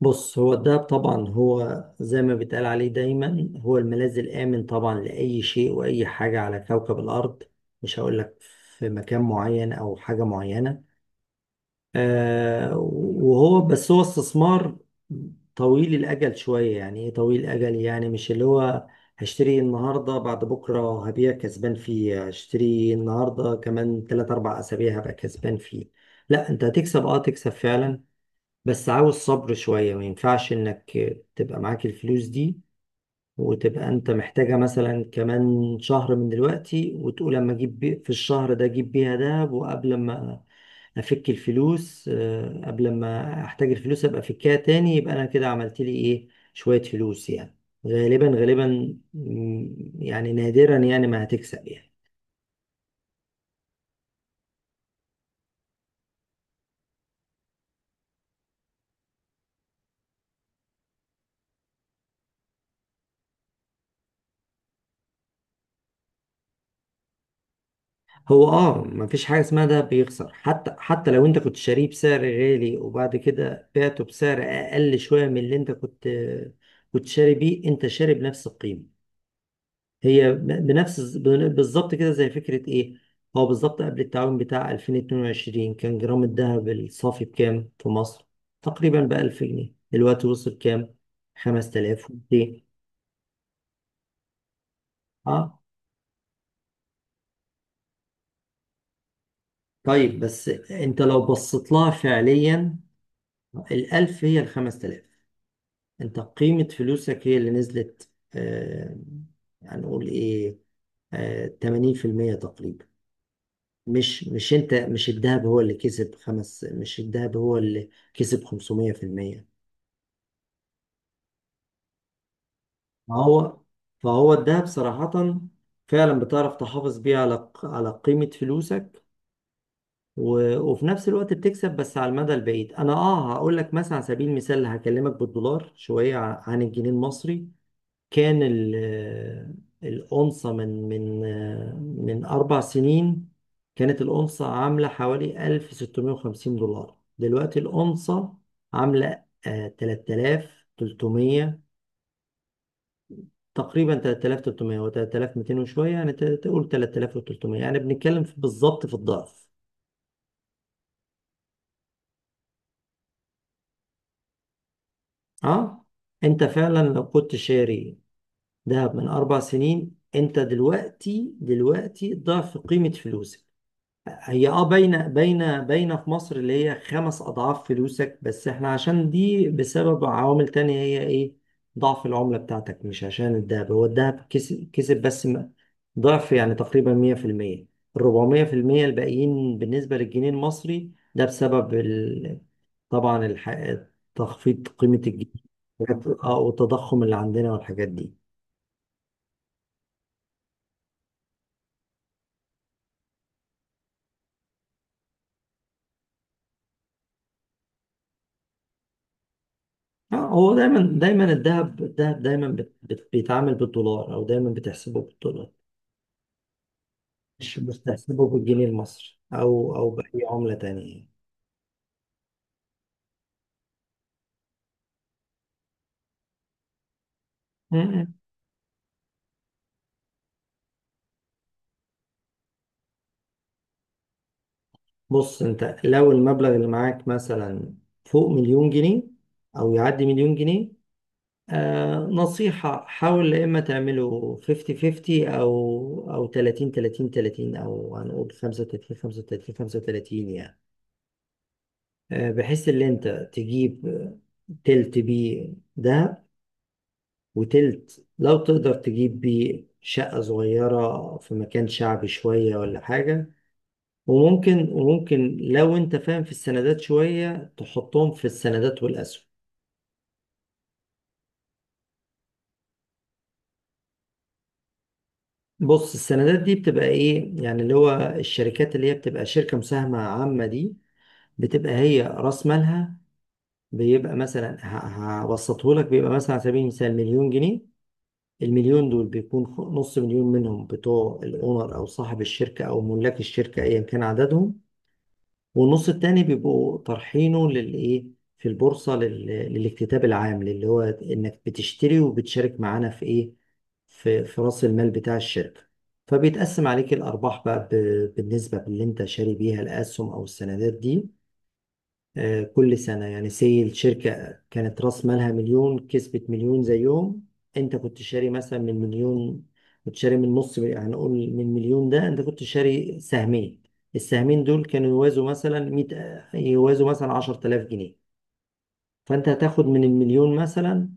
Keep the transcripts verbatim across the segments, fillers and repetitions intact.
بص، هو الدهب طبعا هو زي ما بيتقال عليه دايما، هو الملاذ الآمن طبعا لأي شيء وأي حاجة على كوكب الأرض. مش هقول لك في مكان معين أو حاجة معينة. آه وهو بس هو استثمار طويل الأجل شوية. يعني إيه طويل الأجل؟ يعني مش اللي هو هشتري النهاردة بعد بكرة هبيع كسبان فيه، هشتري النهاردة كمان تلات أربع أسابيع هبقى كسبان فيه. لا، أنت هتكسب، أه تكسب فعلا. بس عاوز صبر شوية، ما ينفعش انك تبقى معاك الفلوس دي وتبقى انت محتاجة مثلا كمان شهر من دلوقتي، وتقول اما اجيب بي- في الشهر ده اجيب بيها دهب، وقبل ما افك الفلوس، آه، قبل ما احتاج الفلوس ابقى افكها تاني، يبقى انا كده عملت لي ايه؟ شوية فلوس يعني. غالبا غالبا، مم، يعني نادرا يعني ما هتكسب يعني. هو اه مفيش حاجه اسمها ده بيخسر. حتى حتى لو انت كنت شاريه بسعر غالي وبعد كده بعته بسعر اقل شويه من اللي انت كنت كنت شاري بيه، انت شاري بنفس القيمه. هي ب- بنفس، بالظبط كده، زي فكره ايه. هو بالظبط قبل التعويم بتاع ألفين واتنين وعشرين كان جرام الذهب الصافي بكام في مصر؟ تقريبا ب ألف جنيه. دلوقتي وصل كام؟ خمستلاف ومتين. اه، طيب، بس انت لو بصيت لها فعليا، الألف هي الخمس تلاف، انت قيمة فلوسك هي اللي نزلت، آه، هنقول ايه، آه، تمانين في المية تقريبا. مش مش انت، مش الذهب هو اللي كسب خمس مش الذهب هو اللي كسب خمسمية في المية. فهو فهو الذهب صراحة فعلا بتعرف تحافظ بيه على على قيمة فلوسك. و... وفي نفس الوقت بتكسب، بس على المدى البعيد. انا اه هقول لك مثلا، على سبيل المثال هكلمك بالدولار شوية عن الجنيه المصري. كان ال- الأنثى من من من أربع سنين كانت الأنثى عاملة حوالي ألف وستمية وخمسين دولار. دلوقتي الأنثى عاملة آه، تلتلاف وتلتمية تقريبا، تلتلاف وتلتمية و ثلاثة آلاف ومئتين وشوية يعني، ت- تقول تلتلاف وتلتمية يعني، بنتكلم في- بالظبط في الضعف. اه. انت فعلا لو كنت شاري دهب من أربع سنين انت دلوقتي دلوقتي ضعف قيمة فلوسك. هي اه باينه باينه باينه في مصر اللي هي خمس اضعاف فلوسك، بس احنا عشان دي بسبب عوامل تانية. هي ايه؟ ضعف العمله بتاعتك، مش عشان الدهب، هو الدهب كسب كسب، بس م- ضعف يعني تقريبا مية في المية. ال اربعمية في المية الباقيين بالنسبه للجنيه المصري ده بسبب ال... طبعا الح... تخفيض قيمه الجنيه. اه، والتضخم اللي عندنا والحاجات دي. اه، هو دايما دايما الذهب الذهب دايما بت- بت- بيتعامل بالدولار، او دايما بتحسبه بالدولار، مش بتحسبه بالجنيه المصري او او باي عملة تانية يعني. مم. بص انت لو المبلغ اللي معاك مثلا فوق مليون جنيه، او يعدي مليون جنيه، آه نصيحة: حاول يا اما تعمله خمسين خمسين، او او تلاتين تلاتين تلاتين، او هنقول خمسة وتلاتين خمسة وتلاتين خمسة وتلاتين يعني، آه بحيث ان انت تجيب تلت بيه دهب، وتلت لو تقدر تجيب بيه شقة صغيرة في مكان شعبي شوية ولا حاجة، وممكن وممكن لو انت فاهم في السندات شوية تحطهم في السندات والأسهم. بص، السندات دي بتبقى ايه يعني؟ اللي هو الشركات اللي هي بتبقى شركة مساهمة عامة دي، بتبقى هي رأس مالها بيبقى مثلا، هبسطه لك، بيبقى مثلا على سبيل المثال مليون جنيه. المليون دول بيكون خ- نص مليون منهم بتوع الأونر أو صاحب الشركة أو ملاك الشركة أيا كان عددهم، والنص التاني بيبقوا طرحينه للايه، في البورصة لل... للاكتتاب العام، اللي هو انك بتشتري وبتشارك معانا في ايه، في, في رأس المال بتاع الشركة. فبيتقسم عليك الأرباح بقى ب... بالنسبة باللي انت شاري بيها الأسهم أو السندات دي آه، كل سنة يعني. سي الشركة كانت رأس مالها مليون، كسبت مليون زيهم، انت كنت شاري مثلا من مليون، كنت شاري من نص، هنقول من مليون ده انت كنت شاري سهمين، السهمين دول كانوا يوازوا مثلا مية، يوازوا مثلا عشرتلاف جنيه. فانت هتاخد من المليون مثلا،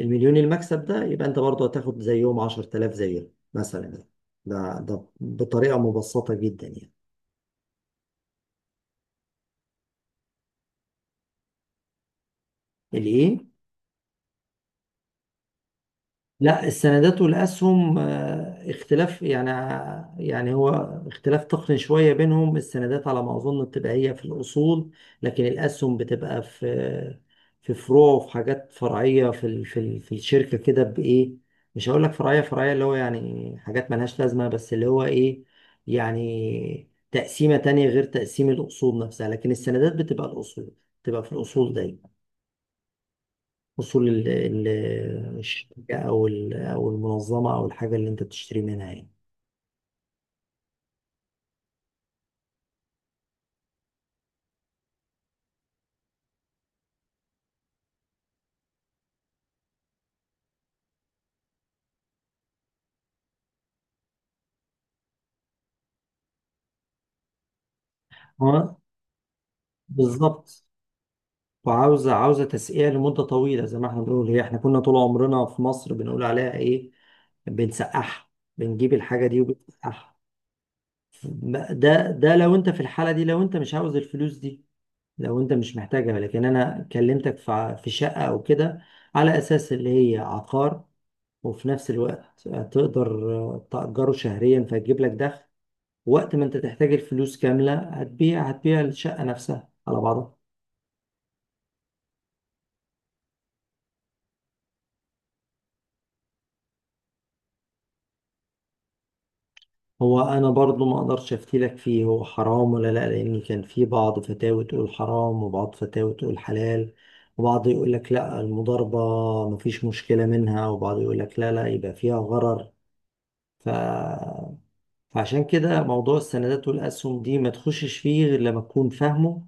المليون المكسب ده، يبقى انت برضه هتاخد زيهم عشرتلاف زيهم مثلا. ده ده بطريقة مبسطة جدا يعني. الايه؟ لا، السندات والاسهم آه، اختلاف يعني. يعني هو اختلاف تقني شويه بينهم. السندات على ما اظن بتبقى هي في الاصول، لكن الاسهم بتبقى في في فروع وفي حاجات فرعيه في ال- في ال- في الشركه كده. بايه؟ مش هقول لك فرعيه فرعيه، اللي هو يعني حاجات ملهاش لازمه، بس اللي هو ايه، يعني تقسيمه تانية غير تقسيم الاصول نفسها، لكن السندات بتبقى الاصول، بتبقى في الاصول دايما. اصول ال- ال- الشركه او ال- او المنظمه او الحاجه اللي انت بتشتري منها يعني. هو بالظبط. وعاوزه عاوزه تسقية لمده طويله، زي ما احنا بنقول، هي احنا كنا طول عمرنا في مصر بنقول عليها ايه؟ بنسقعها. بنجيب الحاجه دي وبنسقعها. ما- ده ده لو انت في الحاله دي، لو انت مش عاوز الفلوس دي، لو انت مش محتاجها، لكن انا كلمتك في ع- في شقه او كده، على اساس اللي هي عقار، وفي نفس الوقت تقدر تأجره شهريا فيجيب لك دخل، وقت ما انت تحتاج الفلوس كاملة هتبيع هتبيع الشقة نفسها على بعضها. هو انا برضو ما اقدرش افتي لك فيه، هو حرام ولا لا؟ لان كان في بعض فتاوى تقول حرام وبعض فتاوى تقول حلال، وبعض يقول لك لا المضاربة مفيش مشكلة منها، وبعض يقول لك لا، لا يبقى فيها غرر. ف... فعشان كده موضوع السندات والاسهم دي ما تخشش فيه غير لما تكون فاهمه.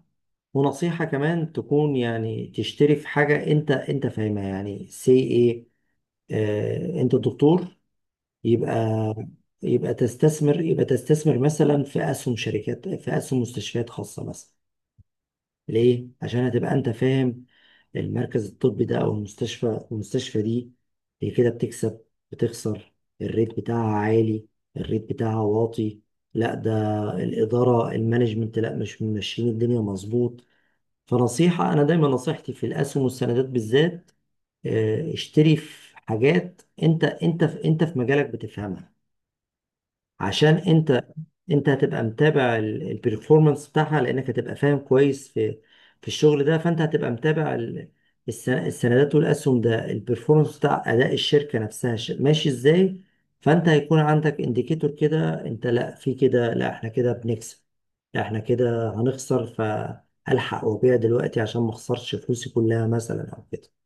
ونصيحة كمان تكون يعني تشتري في حاجة انت انت فاهمها. يعني سي ايه، آه، انت دكتور، يبقى يبقى تستثمر يبقى تستثمر مثلا في اسهم شركات، في اسهم مستشفيات خاصه مثلا. ليه؟ عشان هتبقى انت فاهم. المركز الطبي ده او المستشفى المستشفى دي هي كده بتكسب، بتخسر. الريت بتاعها عالي، الريت بتاعها واطي. لا، ده الاداره، المانجمنت، لا، مش ماشيين الدنيا مظبوط. فنصيحه انا دايما نصيحتي في الاسهم والسندات بالذات: آه، اشتري في حاجات انت انت في انت في مجالك بتفهمها. عشان انت انت هتبقى متابع البرفورمانس بتاعها، لانك هتبقى فاهم كويس في في الشغل ده، فانت هتبقى متابع ال- الس- السندات والاسهم، ده البرفورمانس بتاع اداء الشركه نفسها ش- ماشي ازاي. فانت هيكون عندك انديكيتور كده: انت لا، في كده، لا احنا كده بنكسب، لا احنا كده هنخسر، فالحق وابيع دلوقتي عشان ما اخسرش فلوسي كلها مثلا او كده.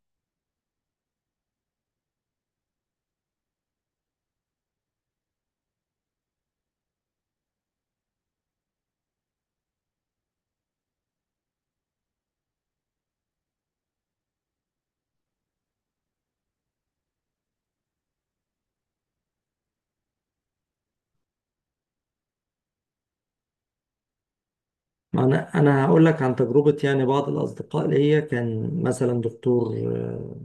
ما انا انا هقول لك عن تجربه. يعني بعض الاصدقاء ليا كان مثلا دكتور آه،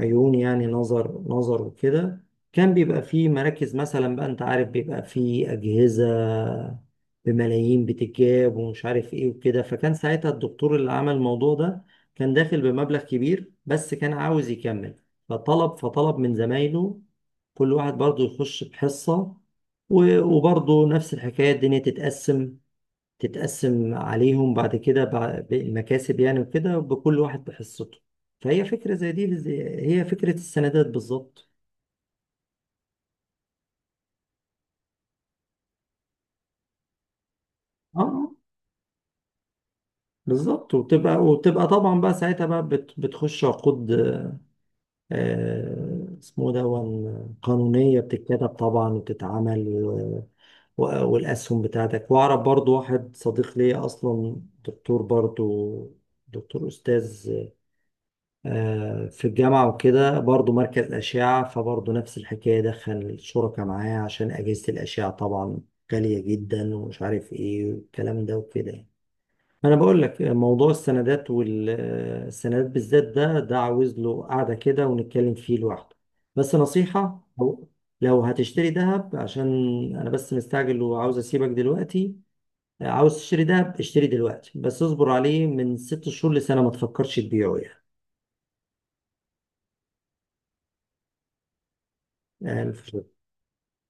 عيون، يعني نظر نظر وكده. كان بيبقى فيه مراكز مثلا بقى، انت عارف بيبقى فيه اجهزه بملايين بتتجاب ومش عارف ايه وكده. فكان ساعتها الدكتور اللي عمل الموضوع ده كان داخل بمبلغ كبير بس كان عاوز يكمل، فطلب فطلب من زمايله كل واحد برضه يخش بحصه. و- وبرضه نفس الحكايه، الدنيا تتقسم تتقسم عليهم بعد كده، بع- بالمكاسب يعني، وكده، بكل واحد بحصته. فهي فكرة زي دي، زي- هي فكرة السندات بالظبط. اه، آه، بالظبط. وبتبقى وبتبقى طبعا بقى ساعتها بقى بت- بتخش عقود، آه اسمه ده، قانونية بتتكتب طبعا وبتتعمل، و- و- والأسهم بتاعتك. وأعرف برضو واحد صديق ليا أصلا دكتور برضو، دكتور أستاذ آه، في الجامعة وكده، برضو مركز أشعة، فبرضو نفس الحكاية: دخل الشركاء معايا عشان أجهزة الأشعة طبعا غالية جدا ومش عارف إيه والكلام ده وكده يعني. أنا بقول لك، موضوع السندات، والسندات بالذات، ده ده عاوز له قعدة كده ونتكلم فيه لوحده. بس نصيحة: لو لو هتشتري ذهب عشان، أنا بس مستعجل وعاوز أسيبك دلوقتي، عاوز تشتري ذهب اشتري دلوقتي بس اصبر عليه من ست شهور لسنة، ما تفكرش تبيعه يعني. آه،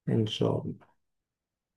ان شاء الله.